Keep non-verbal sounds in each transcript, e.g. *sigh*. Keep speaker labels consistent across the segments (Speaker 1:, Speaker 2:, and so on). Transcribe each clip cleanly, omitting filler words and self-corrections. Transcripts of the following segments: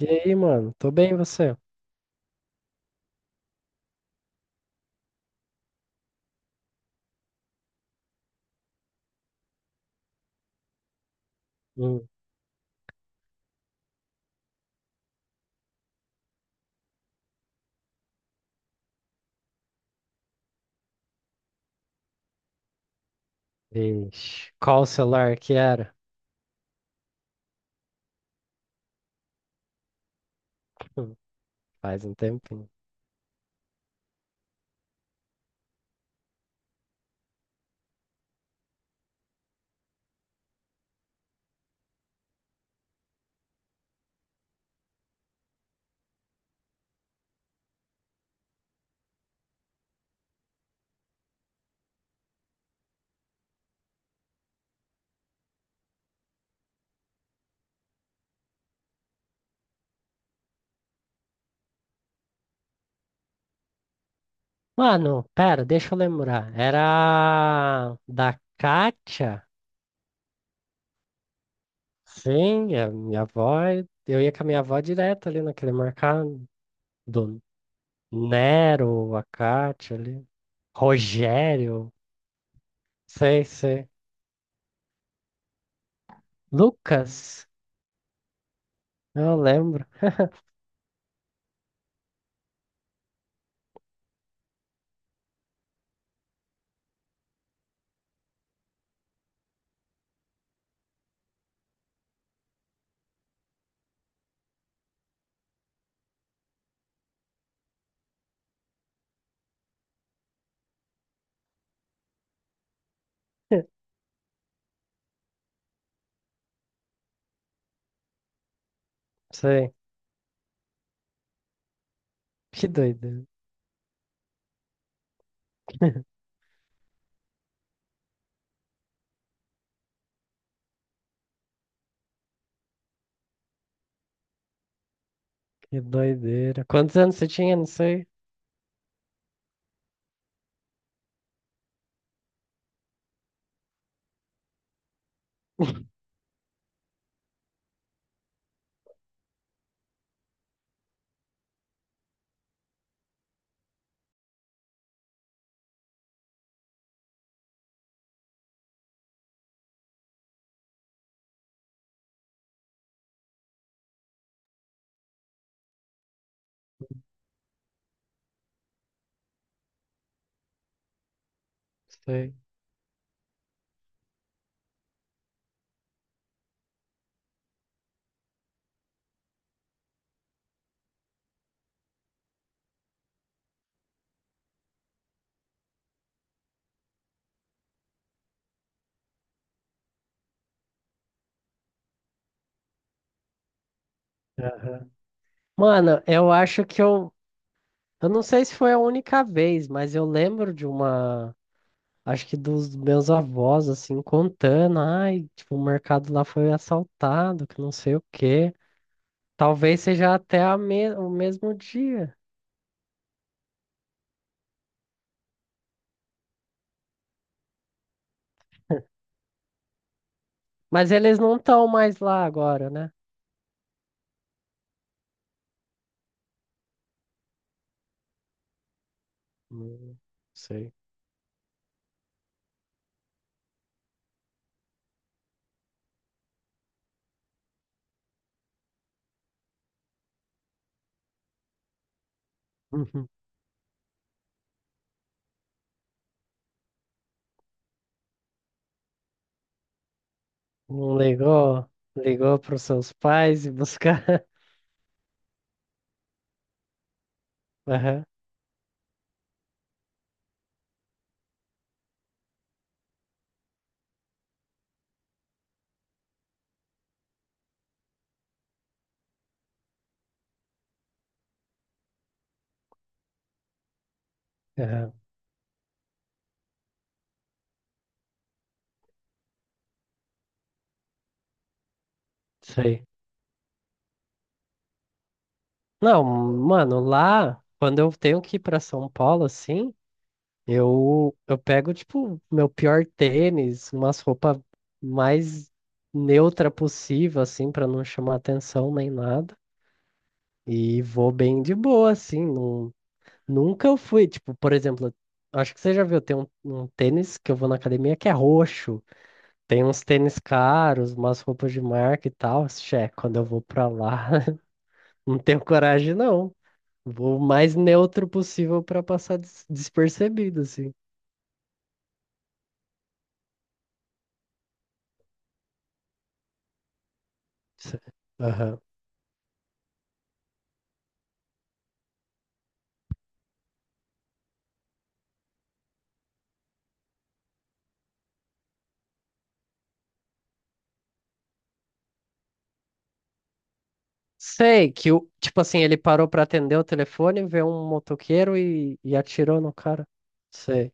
Speaker 1: E aí, mano? Tô bem, e você? Hum, vixe. Qual o celular que era? Hum, Faz um tempinho. Mano, pera, deixa eu lembrar. Era da Kátia? Sim, a minha avó. Eu ia com a minha avó direto ali naquele mercado. Do Nero, a Kátia ali. Rogério. Sei, sei. Lucas. Eu lembro. *laughs* Sei. Que doideira. *laughs* Que doideira. Quantos anos você tinha? Não sei. Sei. Aham. Mano, eu acho que eu. Eu não sei se foi a única vez, mas eu lembro de uma. Acho que dos meus avós, assim, contando. Ai, tipo, o mercado lá foi assaltado, que não sei o quê. Talvez seja até a o mesmo dia. *laughs* Mas eles não estão mais lá agora, né? Não sei. Uhum. Não ligou? Ligou para os seus pais e buscar? *laughs* Aham, aham. Sei. Não, mano, lá, quando eu tenho que ir pra São Paulo, assim, eu pego, tipo, meu pior tênis, umas roupas mais neutra possível, assim, pra não chamar atenção nem nada. E vou bem de boa, assim. Não, nunca eu fui, tipo, por exemplo, acho que você já viu, tem um tênis que eu vou na academia que é roxo. Tem uns tênis caros, umas roupas de marca e tal. Xé, quando eu vou pra lá, *laughs* não tenho coragem, não. Vou o mais neutro possível pra passar despercebido, assim. Se- aham. Sei que o, tipo assim, ele parou pra atender o telefone, vê um motoqueiro e atirou no cara. Sei.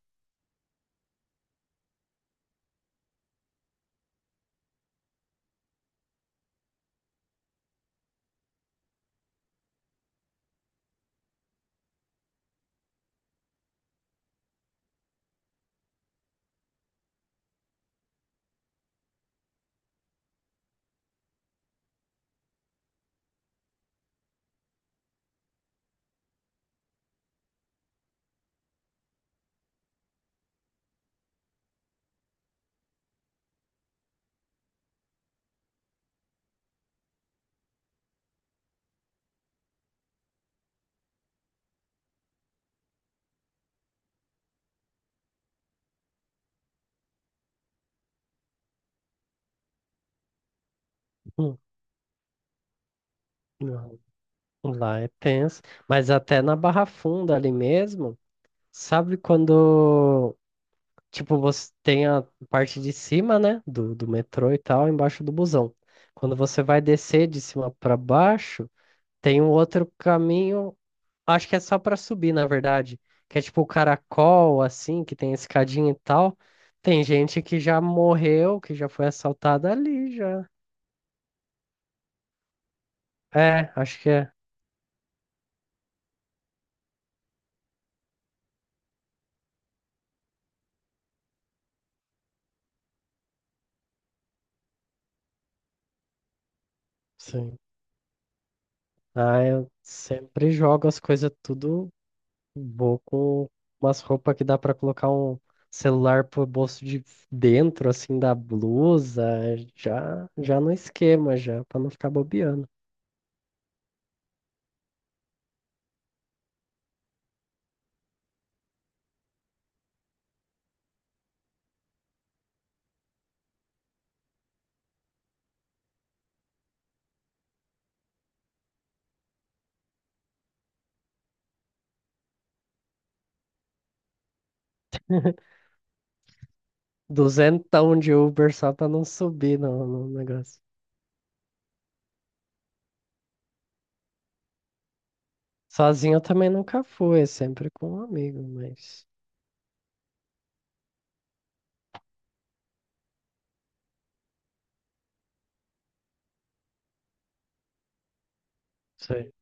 Speaker 1: Hum, não. Lá é tenso. Mas até na Barra Funda ali mesmo, sabe quando, tipo, você tem a parte de cima, né, do metrô e tal, embaixo do busão. Quando você vai descer de cima pra baixo, tem um outro caminho. Acho que é só pra subir, na verdade. Que é tipo o caracol, assim, que tem escadinha e tal. Tem gente que já morreu, que já foi assaltada ali já. É, acho que é. Sim. Ah, eu sempre jogo as coisas tudo. Vou com umas roupas que dá pra colocar um celular pro bolso de dentro, assim, da blusa. Já, já no esquema, já, pra não ficar bobeando. Duzentão de Uber só pra não subir no negócio. Sozinho eu também nunca fui, é sempre com um amigo, mas. Sei.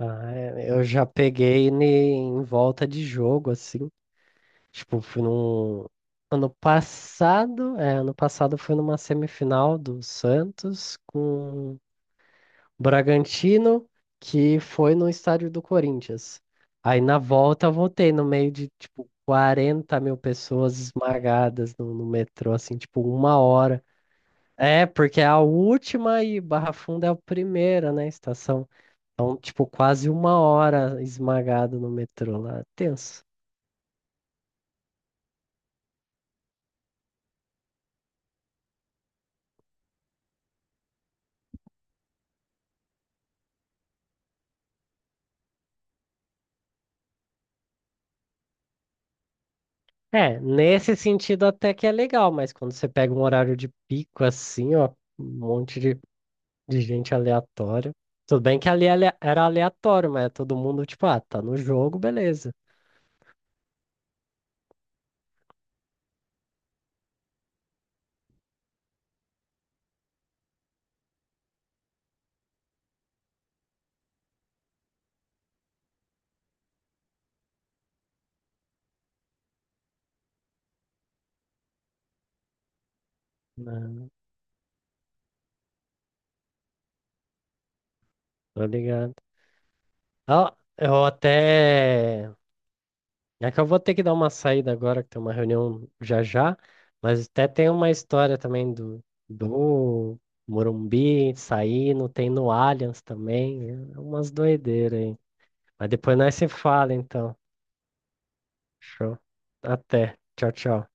Speaker 1: Ah, é, eu já peguei em volta de jogo, assim. Tipo, fui num. Ano passado, é, ano passado foi numa semifinal do Santos com o Bragantino, que foi no estádio do Corinthians. Aí na volta eu voltei no meio de, tipo, 40 mil pessoas esmagadas no metrô, assim, tipo, uma hora. É, porque é a última e Barra Funda é a primeira, né, estação. Então, tipo, quase uma hora esmagado no metrô lá. Tenso. É, nesse sentido até que é legal, mas quando você pega um horário de pico assim, ó, um monte de gente aleatória. Tudo bem que ali é era aleatório, mas é todo mundo, tipo, ah, tá no jogo, beleza. Não, tô ligado. Ó, eu até é que eu vou ter que dar uma saída agora, que tem uma reunião já já, mas até tem uma história também do, do Morumbi saindo, tem no Allianz também, é umas doideiras aí. Mas depois nós se fala, então. Show. Até. Tchau, tchau.